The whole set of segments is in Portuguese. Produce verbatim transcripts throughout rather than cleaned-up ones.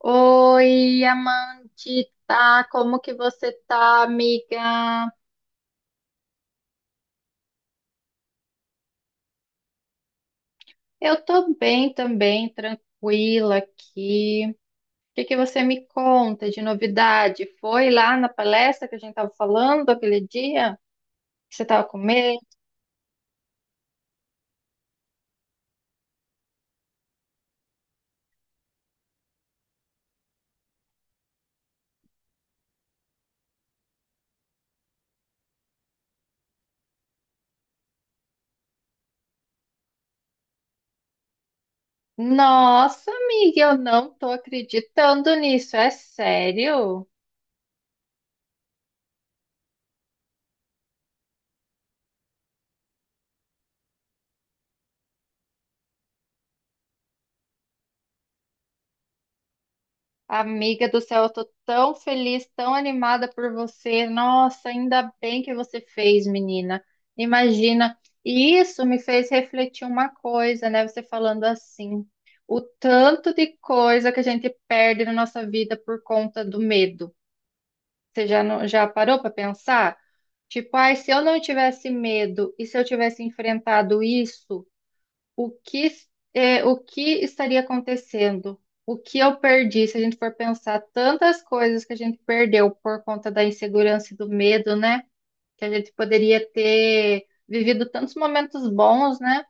Oi, Amandita, como que você tá, amiga? Eu tô bem também, tranquila aqui. O que que você me conta de novidade? Foi lá na palestra que a gente tava falando aquele dia que você tava com medo? Nossa, amiga, eu não tô acreditando nisso, é sério? Amiga do céu, eu tô tão feliz, tão animada por você. Nossa, ainda bem que você fez, menina. Imagina. E isso me fez refletir uma coisa, né? Você falando assim, o tanto de coisa que a gente perde na nossa vida por conta do medo. Você já, não- já parou para pensar? Tipo, ai, se eu não tivesse medo e se eu tivesse enfrentado isso. O que, é, o que estaria acontecendo? O que eu perdi? Se a gente for pensar tantas coisas que a gente perdeu por conta da insegurança e do medo, né? Que a gente poderia ter vivido tantos momentos bons, né?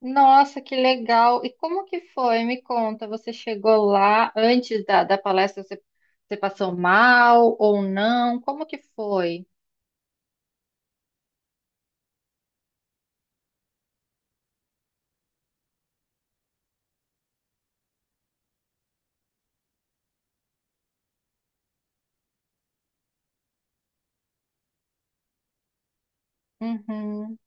Nossa, que legal! E como que foi? Me conta, você chegou lá antes da, da palestra, você, você passou mal ou não? Como que foi? Uhum.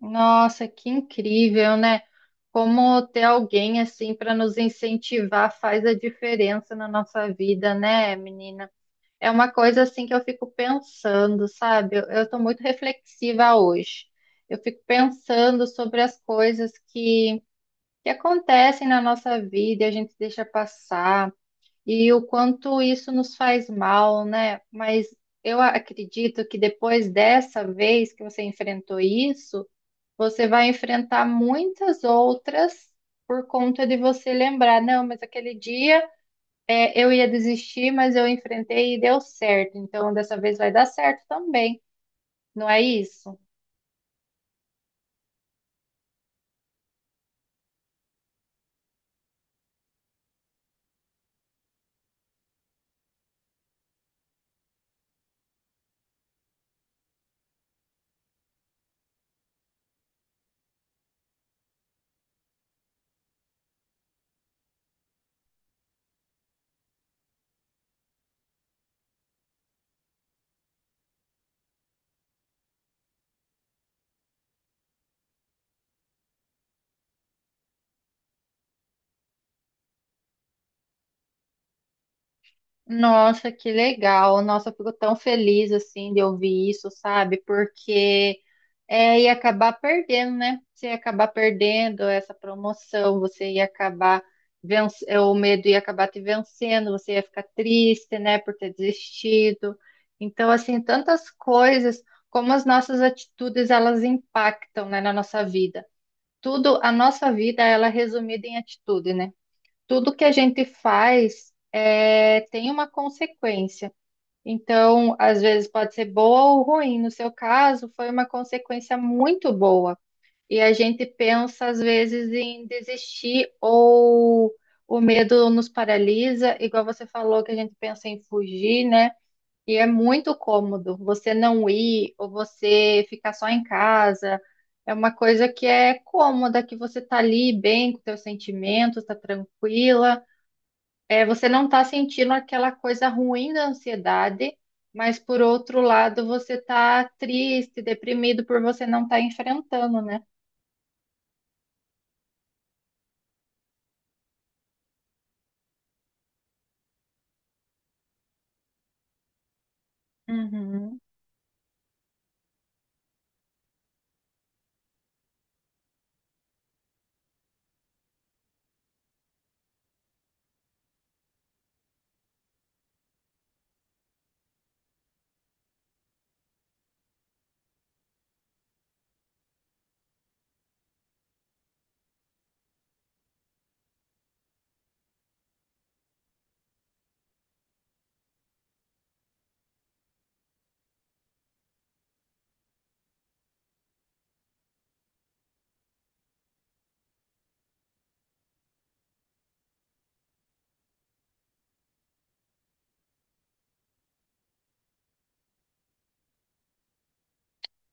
Nossa, que incrível, né? Como ter alguém assim para nos incentivar faz a diferença na nossa vida, né, menina? É uma coisa assim que eu fico pensando, sabe? Eu estou muito reflexiva hoje. Eu fico pensando sobre as coisas que, que acontecem na nossa vida e a gente deixa passar, e o quanto isso nos faz mal, né? Mas eu acredito que depois dessa vez que você enfrentou isso, você vai enfrentar muitas outras por conta de você lembrar, não, mas aquele dia é, eu ia desistir, mas eu enfrentei e deu certo. Então, dessa vez vai dar certo também, não é isso? Nossa, que legal! Nossa, eu fico tão feliz assim de ouvir isso, sabe? Porque é, e acabar perdendo, né? Você ia acabar perdendo essa promoção, você ia acabar venc- é, o medo ia acabar te vencendo, você ia ficar triste, né, por ter desistido. Então, assim, tantas coisas, como as nossas atitudes, elas impactam, né, na nossa vida. Tudo, a nossa vida, ela é resumida em atitude, né? Tudo que a gente faz é, tem uma consequência. Então, às vezes pode ser boa ou ruim. No seu caso, foi uma consequência muito boa. E a gente pensa, às vezes, em desistir ou o medo nos paralisa, igual você falou, que a gente pensa em fugir, né? E é muito cômodo você não ir ou você ficar só em casa. É uma coisa que é cômoda, que você tá ali bem com seus sentimentos, tá tranquila. É, você não está sentindo aquela coisa ruim da ansiedade, mas por outro lado você está triste, deprimido por você não estar enfrentando, né? Uhum.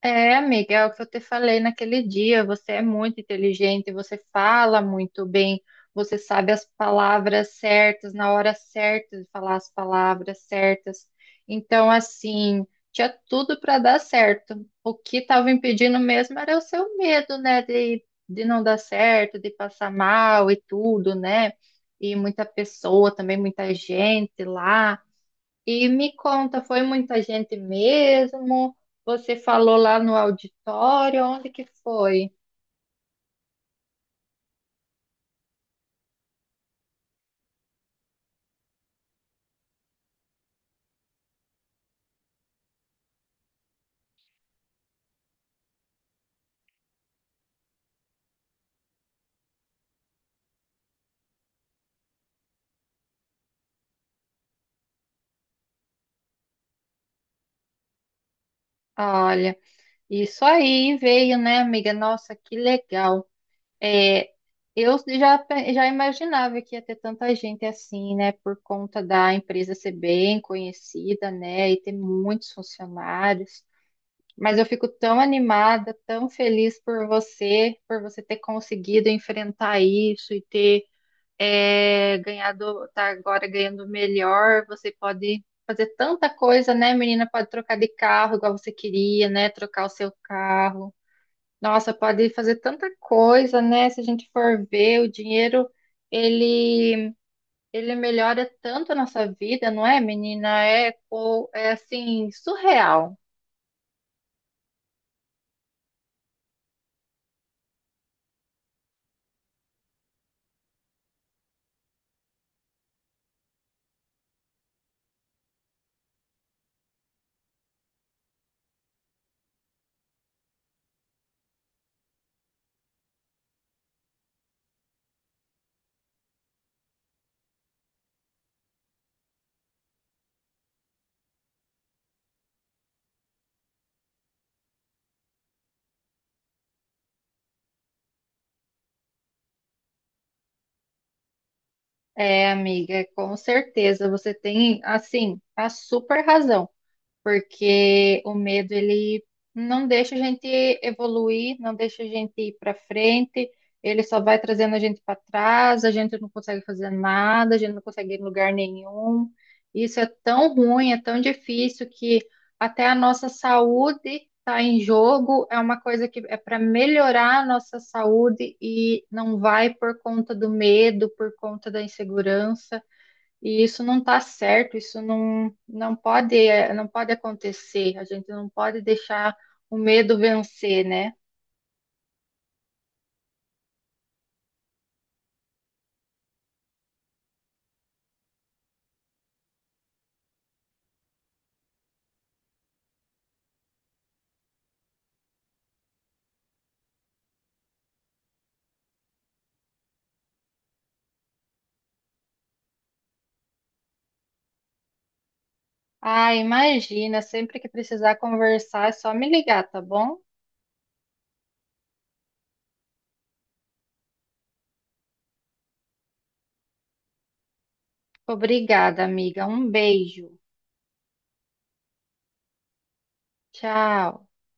É, amiga, é o que eu te falei naquele dia. Você é muito inteligente, você fala muito bem, você sabe as palavras certas, na hora certa de falar as palavras certas. Então, assim, tinha tudo para dar certo. O que estava impedindo mesmo era o seu medo, né, de, de não dar certo, de passar mal e tudo, né? E muita pessoa também, muita gente lá. E me conta, foi muita gente mesmo? Você falou lá no auditório, onde que foi? Olha, isso aí veio, né, amiga? Nossa, que legal. É, eu já, pe- já imaginava que ia ter tanta gente assim, né, por conta da empresa ser bem conhecida, né, e ter muitos funcionários. Mas eu fico tão animada, tão feliz por você, por você ter conseguido enfrentar isso e ter é, ganhado, tá agora ganhando melhor, você pode fazer tanta coisa, né, menina? Pode trocar de carro igual você queria, né? Trocar o seu carro. Nossa, pode fazer tanta coisa, né? Se a gente for ver, o dinheiro, ele, ele melhora tanto a nossa vida, não é, menina? É, co- é assim, surreal. É, amiga, com certeza. Você tem, assim, a super razão. Porque o medo ele não deixa a gente evoluir, não deixa a gente ir para frente, ele só vai trazendo a gente para trás, a gente não consegue fazer nada, a gente não consegue ir em lugar nenhum. Isso é tão ruim, é tão difícil que até a nossa saúde está em jogo, é uma coisa que é para melhorar a nossa saúde e não vai por conta do medo, por conta da insegurança. E isso não está certo, isso não, não pode, eh, não pode acontecer. A gente não pode deixar o medo vencer, né? Ah, imagina, sempre que precisar conversar é só me ligar, tá bom? Obrigada, amiga. Um beijo. Tchau.